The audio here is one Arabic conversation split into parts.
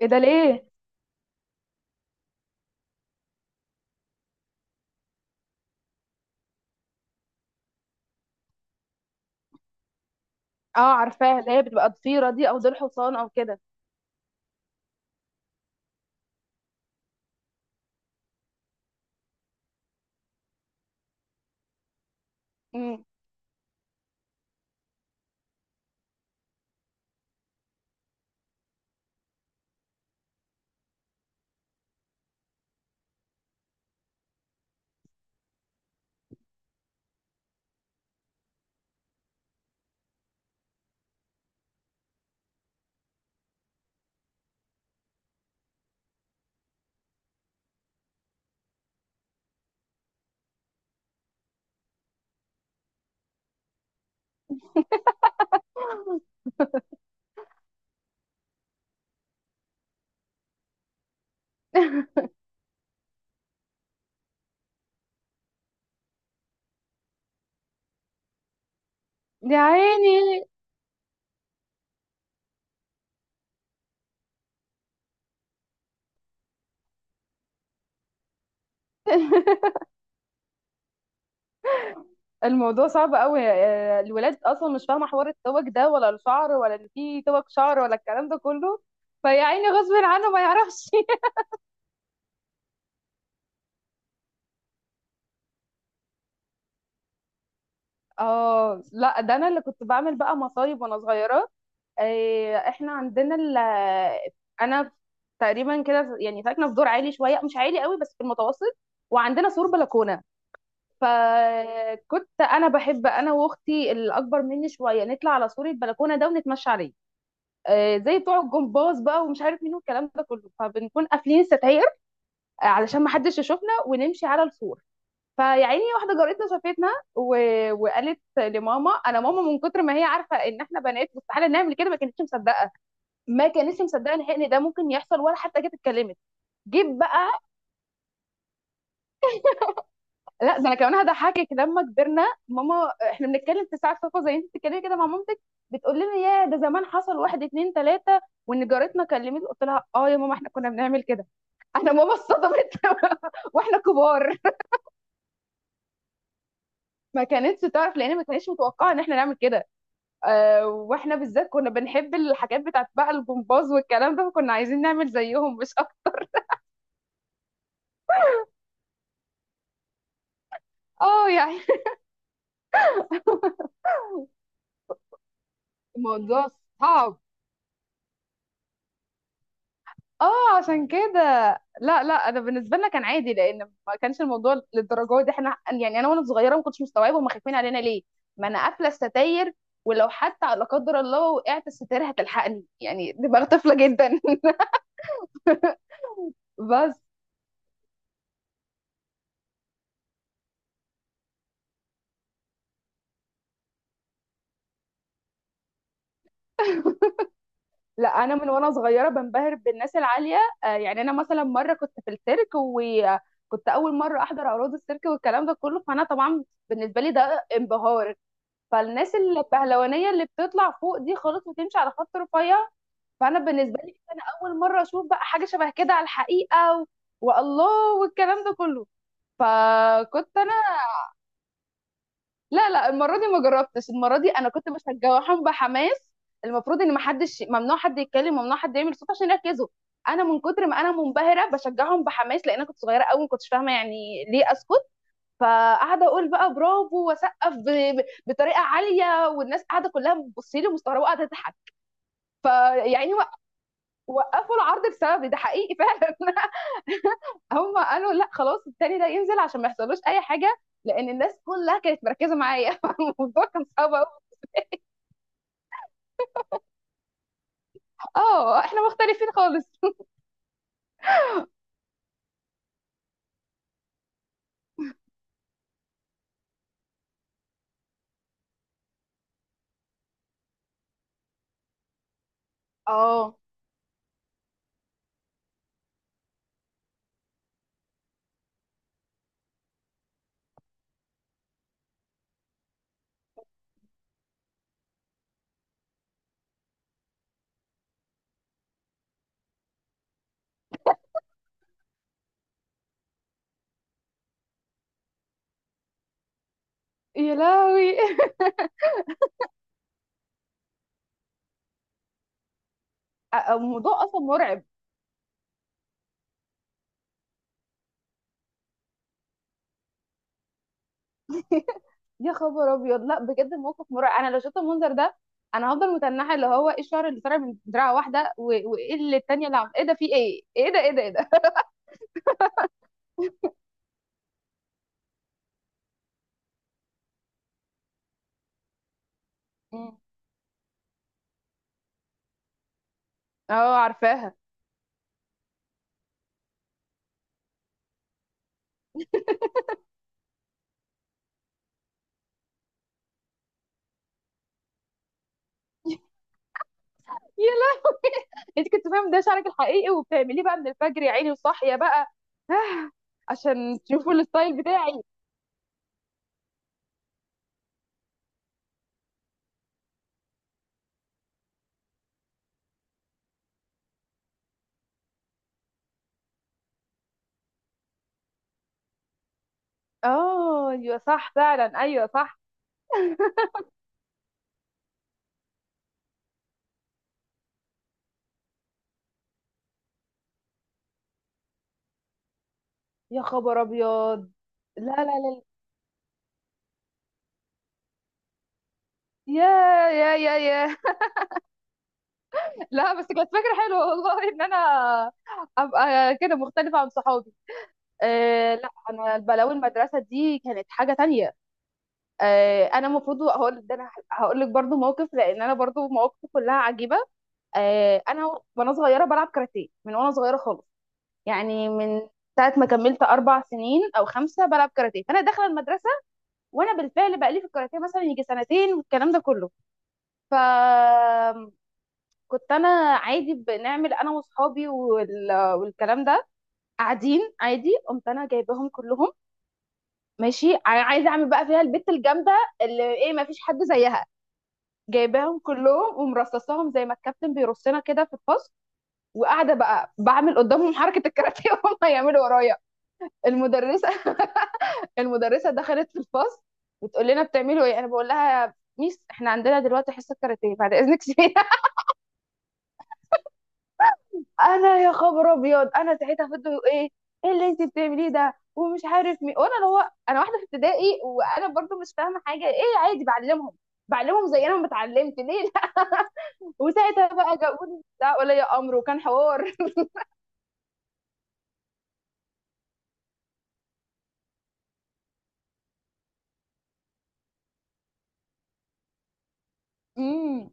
ايه ده ليه؟ اه، عارفاها، اللي هي بتبقى ضفيره دي او ديل حصان او كده. امم. يا عيني، الموضوع صعب قوي. الولاد اصلا مش فاهمه حوار التوك ده، ولا الشعر، ولا ان في توك شعر، ولا الكلام ده كله. فيا عيني، غصب عنه ما يعرفش اه لا، ده انا اللي كنت بعمل بقى مصايب وانا صغيره. آه، احنا عندنا ال آه، انا تقريبا كده يعني ساكنه في دور عالي شويه، مش عالي قوي بس في المتوسط، وعندنا سور بلكونه. فكنت انا بحب، انا واختي الاكبر مني شويه، نطلع على سور البلكونه ده ونتمشى عليه، زي بتوع الجمباز بقى ومش عارف مين والكلام ده كله. فبنكون قافلين الستاير علشان ما حدش يشوفنا ونمشي على السور. فيا عيني، واحده جارتنا شافتنا و... وقالت لماما. انا ماما من كتر ما هي عارفه ان احنا بنات مستحيل نعمل كده، ما كانتش مصدقه. ما كانتش مصدقه نهائي ان ده ممكن يحصل، ولا حتى جت اتكلمت. جيب بقى. لا ده انا كمان هضحكك. لما كبرنا، ماما، احنا بنتكلم في ساعه صفا زي انت بتتكلمي كده مع مامتك، بتقول لنا: يا ده زمان حصل واحد اتنين تلاته. وان جارتنا كلمت، قلت لها: اه يا ماما احنا كنا بنعمل كده. انا ماما اتصدمت واحنا كبار. ما كانتش تعرف لان ما كانتش متوقعه ان احنا نعمل كده. اه، واحنا بالذات كنا بنحب الحاجات بتاعت بقى الجمباز والكلام ده، فكنا عايزين نعمل زيهم مش اكتر. اه يعني الموضوع صعب. اه عشان كده. لا لا، انا بالنسبه لنا كان عادي، لان ما كانش الموضوع للدرجه دي. احنا يعني انا وانا صغيره ما كنتش مستوعبه هم خايفين علينا ليه. ما انا قافله الستاير، ولو حتى لا قدر الله وقعت الستاير هتلحقني. يعني دماغ طفله جدا بس لا، انا من وانا صغيره بنبهر بالناس العاليه. يعني انا مثلا مره كنت في السيرك، وكنت اول مره احضر عروض السيرك والكلام ده كله. فانا طبعا بالنسبه لي ده انبهار. فالناس البهلوانيه اللي بتطلع فوق دي خالص وتمشي على خط رفيع، فانا بالنسبه لي كده انا اول مره اشوف بقى حاجه شبه كده على الحقيقه والله والكلام ده كله. فكنت انا لا لا، المره دي ما جربتش. المره دي انا كنت مشجعهم بحماس. المفروض ان ما حدش ممنوع حد يتكلم، ممنوع حد يعمل صوت عشان يركزوا. انا من كتر ما انا منبهره بشجعهم بحماس، لان انا كنت صغيره قوي ما كنتش فاهمه يعني ليه اسكت. فقاعده اقول بقى برافو واسقف بطريقه عاليه، والناس قاعده كلها بتبص لي مستغربه وقاعده تضحك. فيعني وقفوا العرض بسببي، ده حقيقي فعلا هم قالوا لا خلاص، التاني ده ينزل عشان ما يحصلوش اي حاجه، لان الناس كلها كانت مركزه معايا الموضوع كان صعب قوي. اه احنا مختلفين خالص. اه يا لهوي الموضوع اصلا مرعب. يا خبر ابيض، لا بجد الموقف مرعب. انا لو شفت المنظر ده انا هفضل متنحه، اللي هو ايه الشعر اللي طالع من دراعه واحده، وايه اللي التانيه اللي ايه ده؟ في ايه؟ ايه ده، ايه ده، ايه ده. مم. اه عارفاها. يا لا! انت كنت فاهم ده شعرك الحقيقي وبتعمليه بقى من الفجر يا عيني وصاحيه بقى عشان تشوفوا الستايل بتاعي. اه ايوه صح فعلا، ايوه صح. يا خبر ابيض. لا لا لا. يا يا يا يا لا بس كانت فكره حلوه والله، ان انا ابقى كده مختلفه عن صحابي. آه لا، انا البلاوي المدرسه دي كانت حاجه تانية. آه، انا المفروض هقول ده، انا هقول لك برضو موقف، لان انا برضو مواقفي كلها عجيبه. آه، انا وانا صغيره بلعب كاراتيه من وانا صغيره خالص. يعني من ساعه ما كملت 4 سنين او 5، بلعب كاراتيه انا داخله المدرسه. وانا بالفعل بقالي في الكاراتيه مثلا يجي سنتين والكلام ده كله. ف كنت انا عادي بنعمل انا واصحابي والكلام ده، قاعدين عادي. قمت انا جايباهم كلهم، ماشي، عايزه اعمل بقى فيها البت الجامده اللي ايه ما فيش حد زيها. جايباهم كلهم ومرصصاهم زي ما الكابتن بيرصنا كده في الفصل، وقاعده بقى بعمل قدامهم حركه الكاراتيه وهم يعملوا ورايا. المدرسه المدرسه دخلت في الفصل، بتقول لنا: بتعملوا ايه؟ انا بقول لها: ميس احنا عندنا دلوقتي حصه كاراتيه بعد اذنك سيبينا انا يا خبر ابيض انا ساعتها فضلت: يقولوا ايه؟ ايه اللي انت بتعمليه ده ومش عارف مين؟ وانا اللي هو انا واحده في ابتدائي وانا برضو مش فاهمه حاجه، ايه عادي بعلمهم. زي انا ما اتعلمت، ليه لا؟ وساعتها بقى جابوني لا ولا يا امر، وكان حوار امم.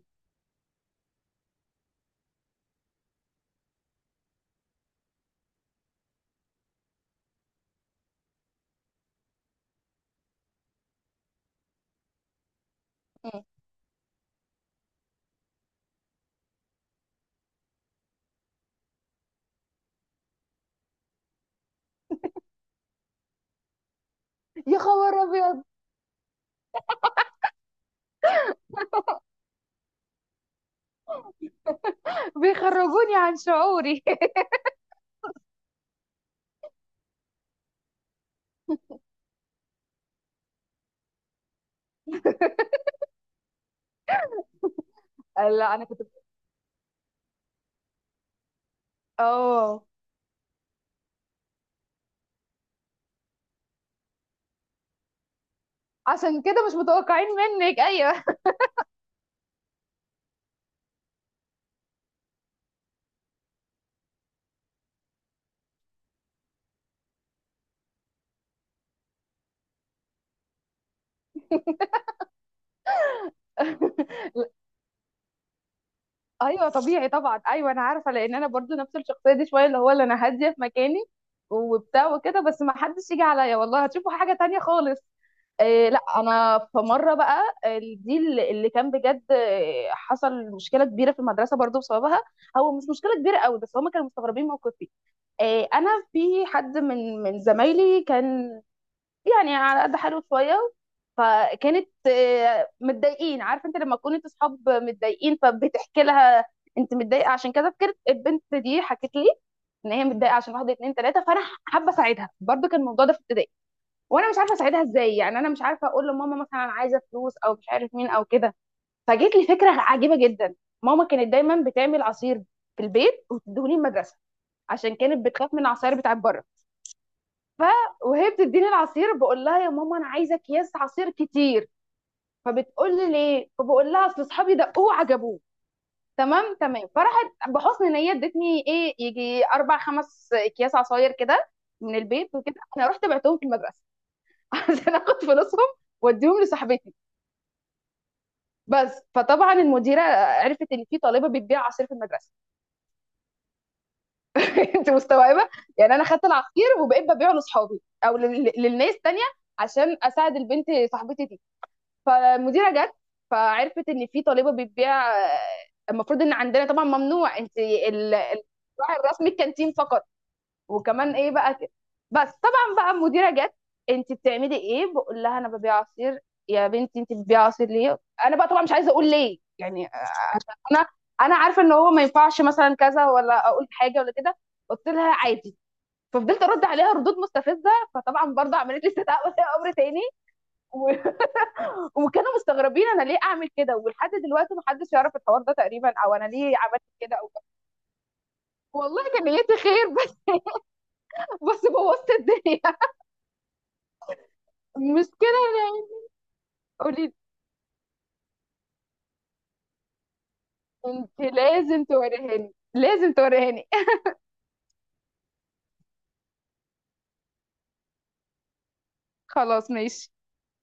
يا خبر ابيض، بيخرجوني عن شعوري لا انا كنت اه عشان كده مش متوقعين منك، ايوه. ايوه طبيعي طبعا، ايوه انا عارفه، لان انا برضو نفس الشخصيه دي شويه، اللي هو اللي انا هاديه في مكاني وبتاع وكده، بس ما حدش يجي عليا والله هتشوفوا حاجه تانية خالص. إيه، لا انا في مره بقى دي اللي كان بجد حصل مشكله كبيره في المدرسه برضو بسببها. هو مش مشكله كبيره قوي، بس هم كانوا مستغربين موقفي. إيه، انا في حد من زمايلي كان يعني على قد حاله شويه. فكانت متضايقين. عارف انت لما تكون انت اصحاب متضايقين فبتحكي لها انت متضايقه عشان كذا. فكرت البنت دي حكت لي ان هي متضايقه عشان واحد اتنين تلاته. فانا حابه اساعدها برضو. كان الموضوع ده في ابتدائي، وانا مش عارفه اساعدها ازاي. يعني انا مش عارفه اقول لماما مثلا انا عايزه فلوس او مش عارف مين او كده. فجت لي فكره عجيبه جدا. ماما كانت دايما بتعمل عصير في البيت وتدهوني المدرسه عشان كانت بتخاف من العصاير بتاعت بره. ف وهي بتديني العصير بقول لها: يا ماما انا عايزه اكياس عصير كتير. فبتقول لي ليه؟ فبقول لها: اصل اصحابي دقوه وعجبوه. تمام تمام. فراحت بحسن نيه ادتني ايه يجي 4 5 اكياس عصاير كده من البيت، وكده انا رحت بعتهم في المدرسه عشان اخد فلوسهم واديهم لصاحبتي. بس فطبعا المديره عرفت ان في طالبه بتبيع عصير في المدرسه انت مستوعبه؟ يعني انا خدت العصير وبقيت ببيعه لاصحابي او للناس تانية عشان اساعد البنت صاحبتي. فالمديره جت فعرفت ان في طالبه بتبيع المفروض ان عندنا طبعا ممنوع، انت الراعي الرسمي الكانتين فقط، وكمان ايه بقى كده. بس طبعا بقى المديره جت: انت بتعملي ايه؟ بقول لها: انا ببيع عصير. يا بنتي انت بتبيع عصير ليه؟ انا بقى طبعا مش عايزه اقول ليه يعني. انا انا عارفه ان هو ما ينفعش مثلا كذا، ولا اقول حاجه ولا كده. قلت لها عادي. ففضلت ارد عليها ردود مستفزه، فطبعا برضه عملت لي استدعاء ولي امر تاني. وكانوا مستغربين انا ليه اعمل كده، ولحد دلوقتي محدش يعرف الحوار ده تقريبا، او انا ليه عملت كده او كده. والله كان نيتي خير بس. بس بوظت الدنيا. مش كده يعني؟ قولي، انت لازم توريهاني لازم توريهاني خلاص ماشي.